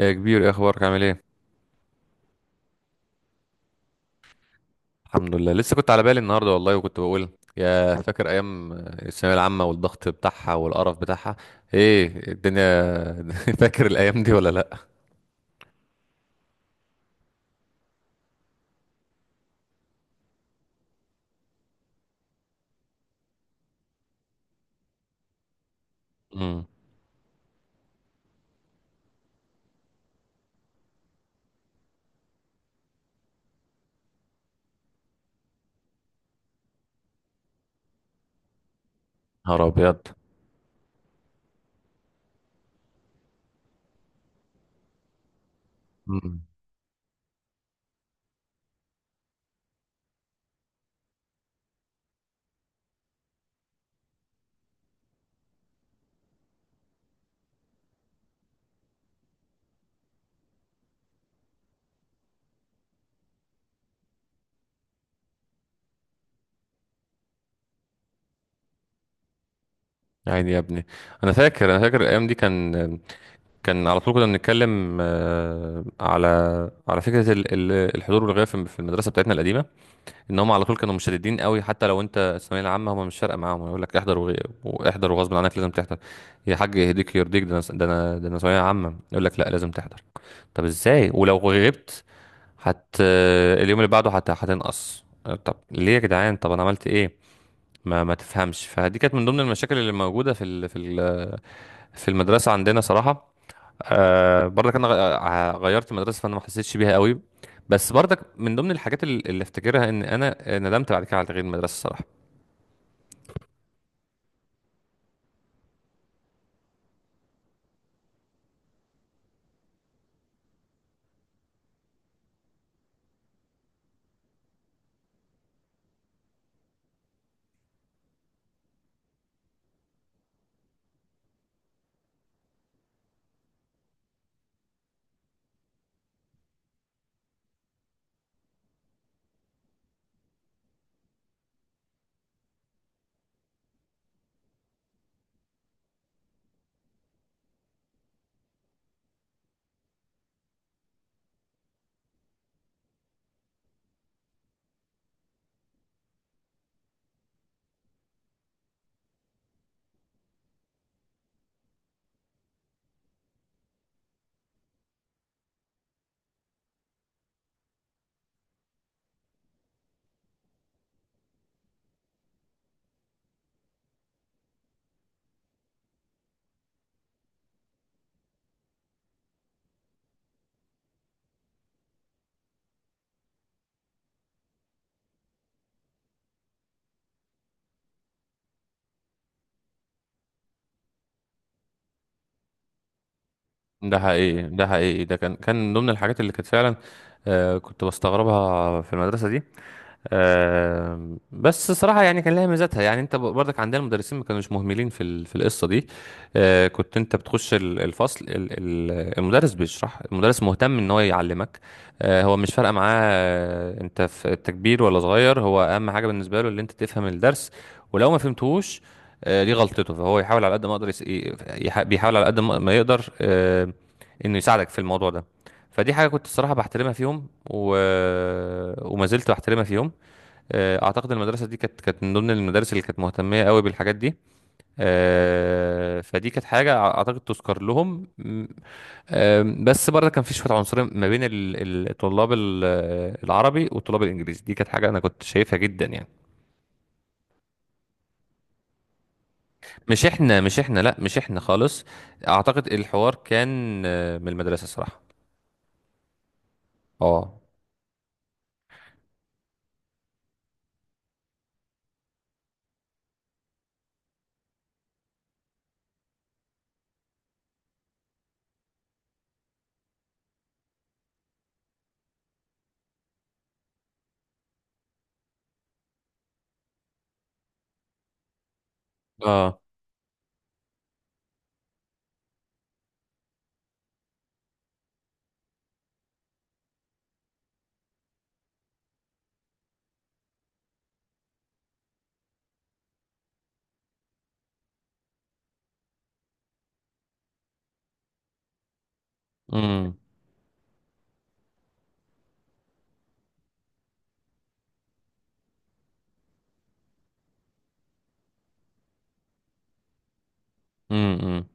يا كبير، ايه اخبارك؟ عامل ايه؟ الحمد لله، لسه كنت على بالي النهارده والله، وكنت بقول يا فاكر ايام الثانويه العامه والضغط بتاعها والقرف بتاعها. ايه الدنيا! فاكر الايام دي ولا لا؟ امم. نهار ابيض. امم. عيني يا ابني، انا فاكر الايام دي. كان على طول كنا بنتكلم على فكره الحضور والغياب في المدرسه بتاعتنا القديمه. ان هم على طول كانوا مشددين قوي، حتى لو انت الثانويه العامه هم مش فارقه معاهم، يقول لك احضر واحضر، وغصب عنك لازم تحضر. يا حاج يهديك يرضيك، ده انا، ده انا، ده انا ثانويه عامه يقول لك لا لازم تحضر. طب ازاي؟ ولو غبت هت اليوم اللي بعده هتنقص. طب ليه يا جدعان؟ طب انا عملت ايه؟ ما تفهمش. فدي كانت من ضمن المشاكل اللي موجوده في المدرسه عندنا صراحه. برضك انا غ- آه، غيرت مدرسه فانا ما حسيتش بيها قوي. بس برضك من ضمن الحاجات اللي افتكرها ان انا ندمت بعد كده على تغيير المدرسه الصراحه. ده حقيقي. ده حقيقي. ده كان من ضمن الحاجات اللي كانت فعلا كنت بستغربها في المدرسه دي. بس صراحة يعني كان لها ميزاتها، يعني انت برضك عندنا المدرسين ما كانوش مهملين في القصة دي. كنت انت بتخش الفصل المدرس بيشرح، المدرس مهتم ان هو يعلمك. هو مش فارقة معاه، انت في التكبير ولا صغير، هو اهم حاجة بالنسبة له ان انت تفهم الدرس. ولو ما فهمتهوش، دي غلطته، فهو يحاول على قد ما يقدر، بيحاول على قد ما يقدر، انه يساعدك في الموضوع ده. فدي حاجة كنت الصراحة بحترمها فيهم وما زلت بحترمها فيهم. اعتقد المدرسه دي كانت من ضمن المدارس اللي كانت مهتميه قوي بالحاجات دي. فدي كانت حاجه اعتقد تذكر لهم. بس برضه كان في شويه عنصريه ما بين الطلاب العربي والطلاب الانجليزي. دي كانت حاجه انا كنت شايفها جدا يعني. مش احنا، لا مش احنا خالص. اعتقد الحوار كان من المدرسه صراحه. اه. اه. امم. امم.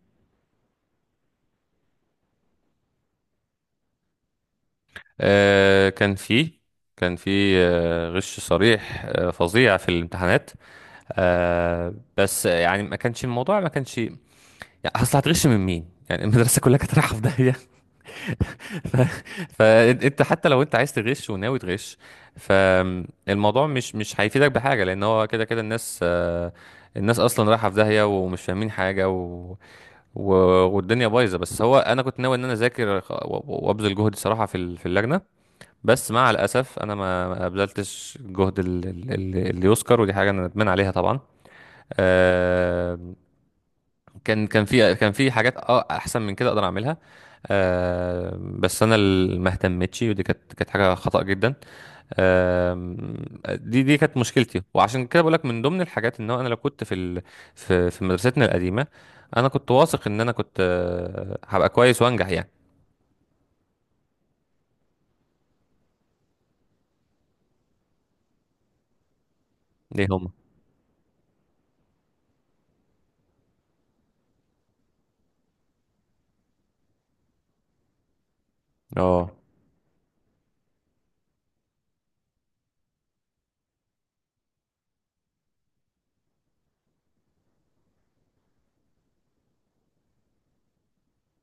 آه، كان في كان في غش صريح فظيع في الامتحانات. بس يعني ما كانش الموضوع ما كانش يعني. اصل هتغش من مين يعني؟ المدرسه كلها كانت رايحه في داهيه. ف... فانت حتى لو انت عايز تغش وناوي تغش، فالموضوع مش هيفيدك بحاجه، لان هو كده كده الناس اصلا رايحه في داهيه ومش فاهمين حاجه و... والدنيا بايظه. بس هو انا كنت ناوي ان انا اذاكر وابذل جهد صراحه في اللجنه. بس مع الاسف انا ما ابذلتش جهد اللي يذكر. ودي حاجه انا ندمان عليها طبعا. آه، كان في حاجات احسن من كده اقدر اعملها. بس انا اللي ما اهتمتش. ودي كانت حاجه خطأ جدا. آه دي كانت مشكلتي. وعشان كده بقول لك من ضمن الحاجات ان هو انا لو كنت في ال في في مدرستنا القديمه، انا كنت واثق ان انا كنت هبقى كويس وانجح يعني. ليه هم؟ اه.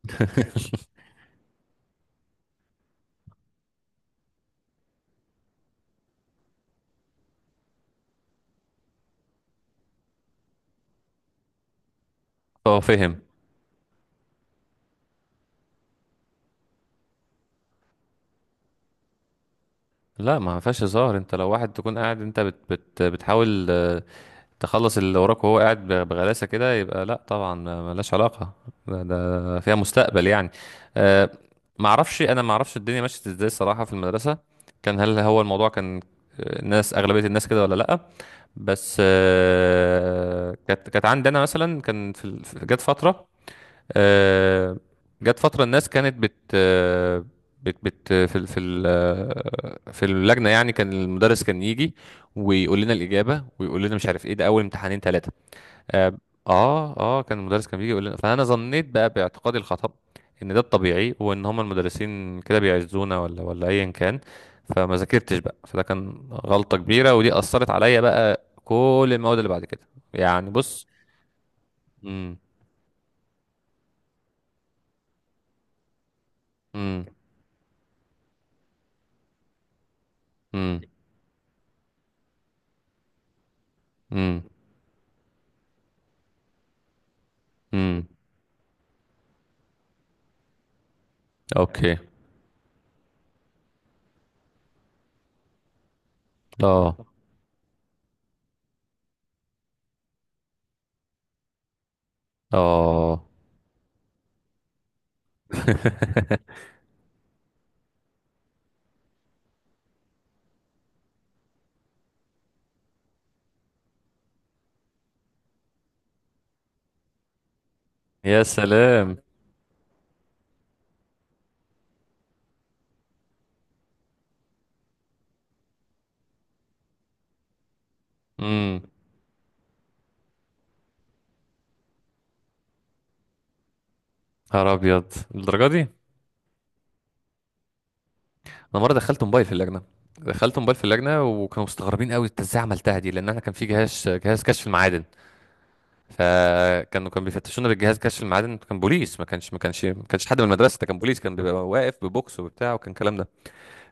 اه، فهم. لا ما فيهاش هزار. انت لو واحد تكون قاعد، انت بت بت بتحاول تخلص اللي وراك، وهو قاعد بغلاسة كده، يبقى لا طبعا، ملهاش علاقة. ده فيها مستقبل يعني. أه. انا معرفش الدنيا مشيت ازاي الصراحة في المدرسة. هل هو الموضوع كان. أغلبية الناس كده ولا لأ؟ بس كانت عندي أنا مثلا كان في ال- في- جت فترة، آه، جت فترة الناس كانت بت آه، بت بت في ال- في ال- آه، في اللجنة، يعني كان المدرس كان يجي، ويقول لنا الإجابة، ويقول لنا مش عارف إيه، ده أول امتحانين ثلاثة. اه. اه. كان المدرس كان بيجي يقول لنا، فأنا ظنيت بقى باعتقادي الخطأ إن ده الطبيعي، وإن هما المدرسين كده بيعزونا، ولا أيا كان. فما ذاكرتش بقى. فده كان غلطة كبيرة، ودي أثرت عليا بقى كل المواد اللي بعد كده. يعني بص. امم. امم. امم. امم. اوكي. اه. اه. يا سلام. امم. نهار ابيض للدرجه دي؟ انا مره دخلت موبايل في اللجنه، دخلت موبايل في اللجنه، وكانوا مستغربين قوي انت ازاي عملتها دي. لان احنا كان في جهاز كشف المعادن. فكانوا بيفتشونا بالجهاز كشف المعادن. كان بوليس، ما كانش حد من المدرسه. ده كان بوليس كان بيبقى واقف ببوكس وبتاع، وكان الكلام ده.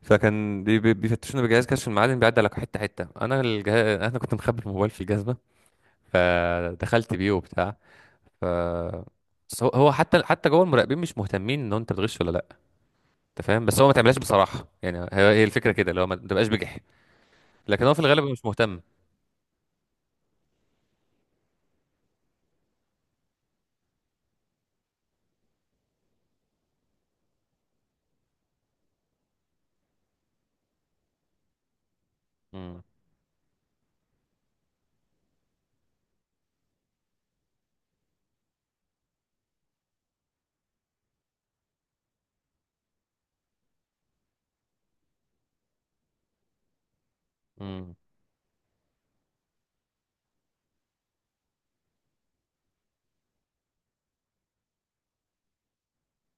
فكان بيفتشونا بجهاز كشف المعادن بيعدي على حته حته. انا الجهاز انا كنت مخبي الموبايل في الجزمه. فدخلت بيه وبتاع. ف بس هو حتى حتى جوه المراقبين مش مهتمين ان انت بتغش ولا لا. انت فاهم. بس هو ما تعملهاش بصراحه، يعني هي الفكره كده اللي هو ما تبقاش بجح. لكن هو في الغالب مش مهتم. مم. مم.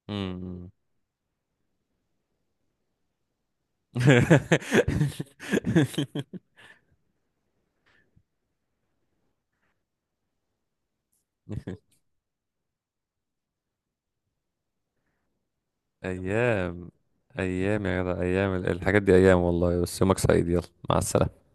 مم. ايام. ايام يا جدع، ايام الحاجات دي، ايام والله. بس يومك سعيد، يلا، مع السلامه.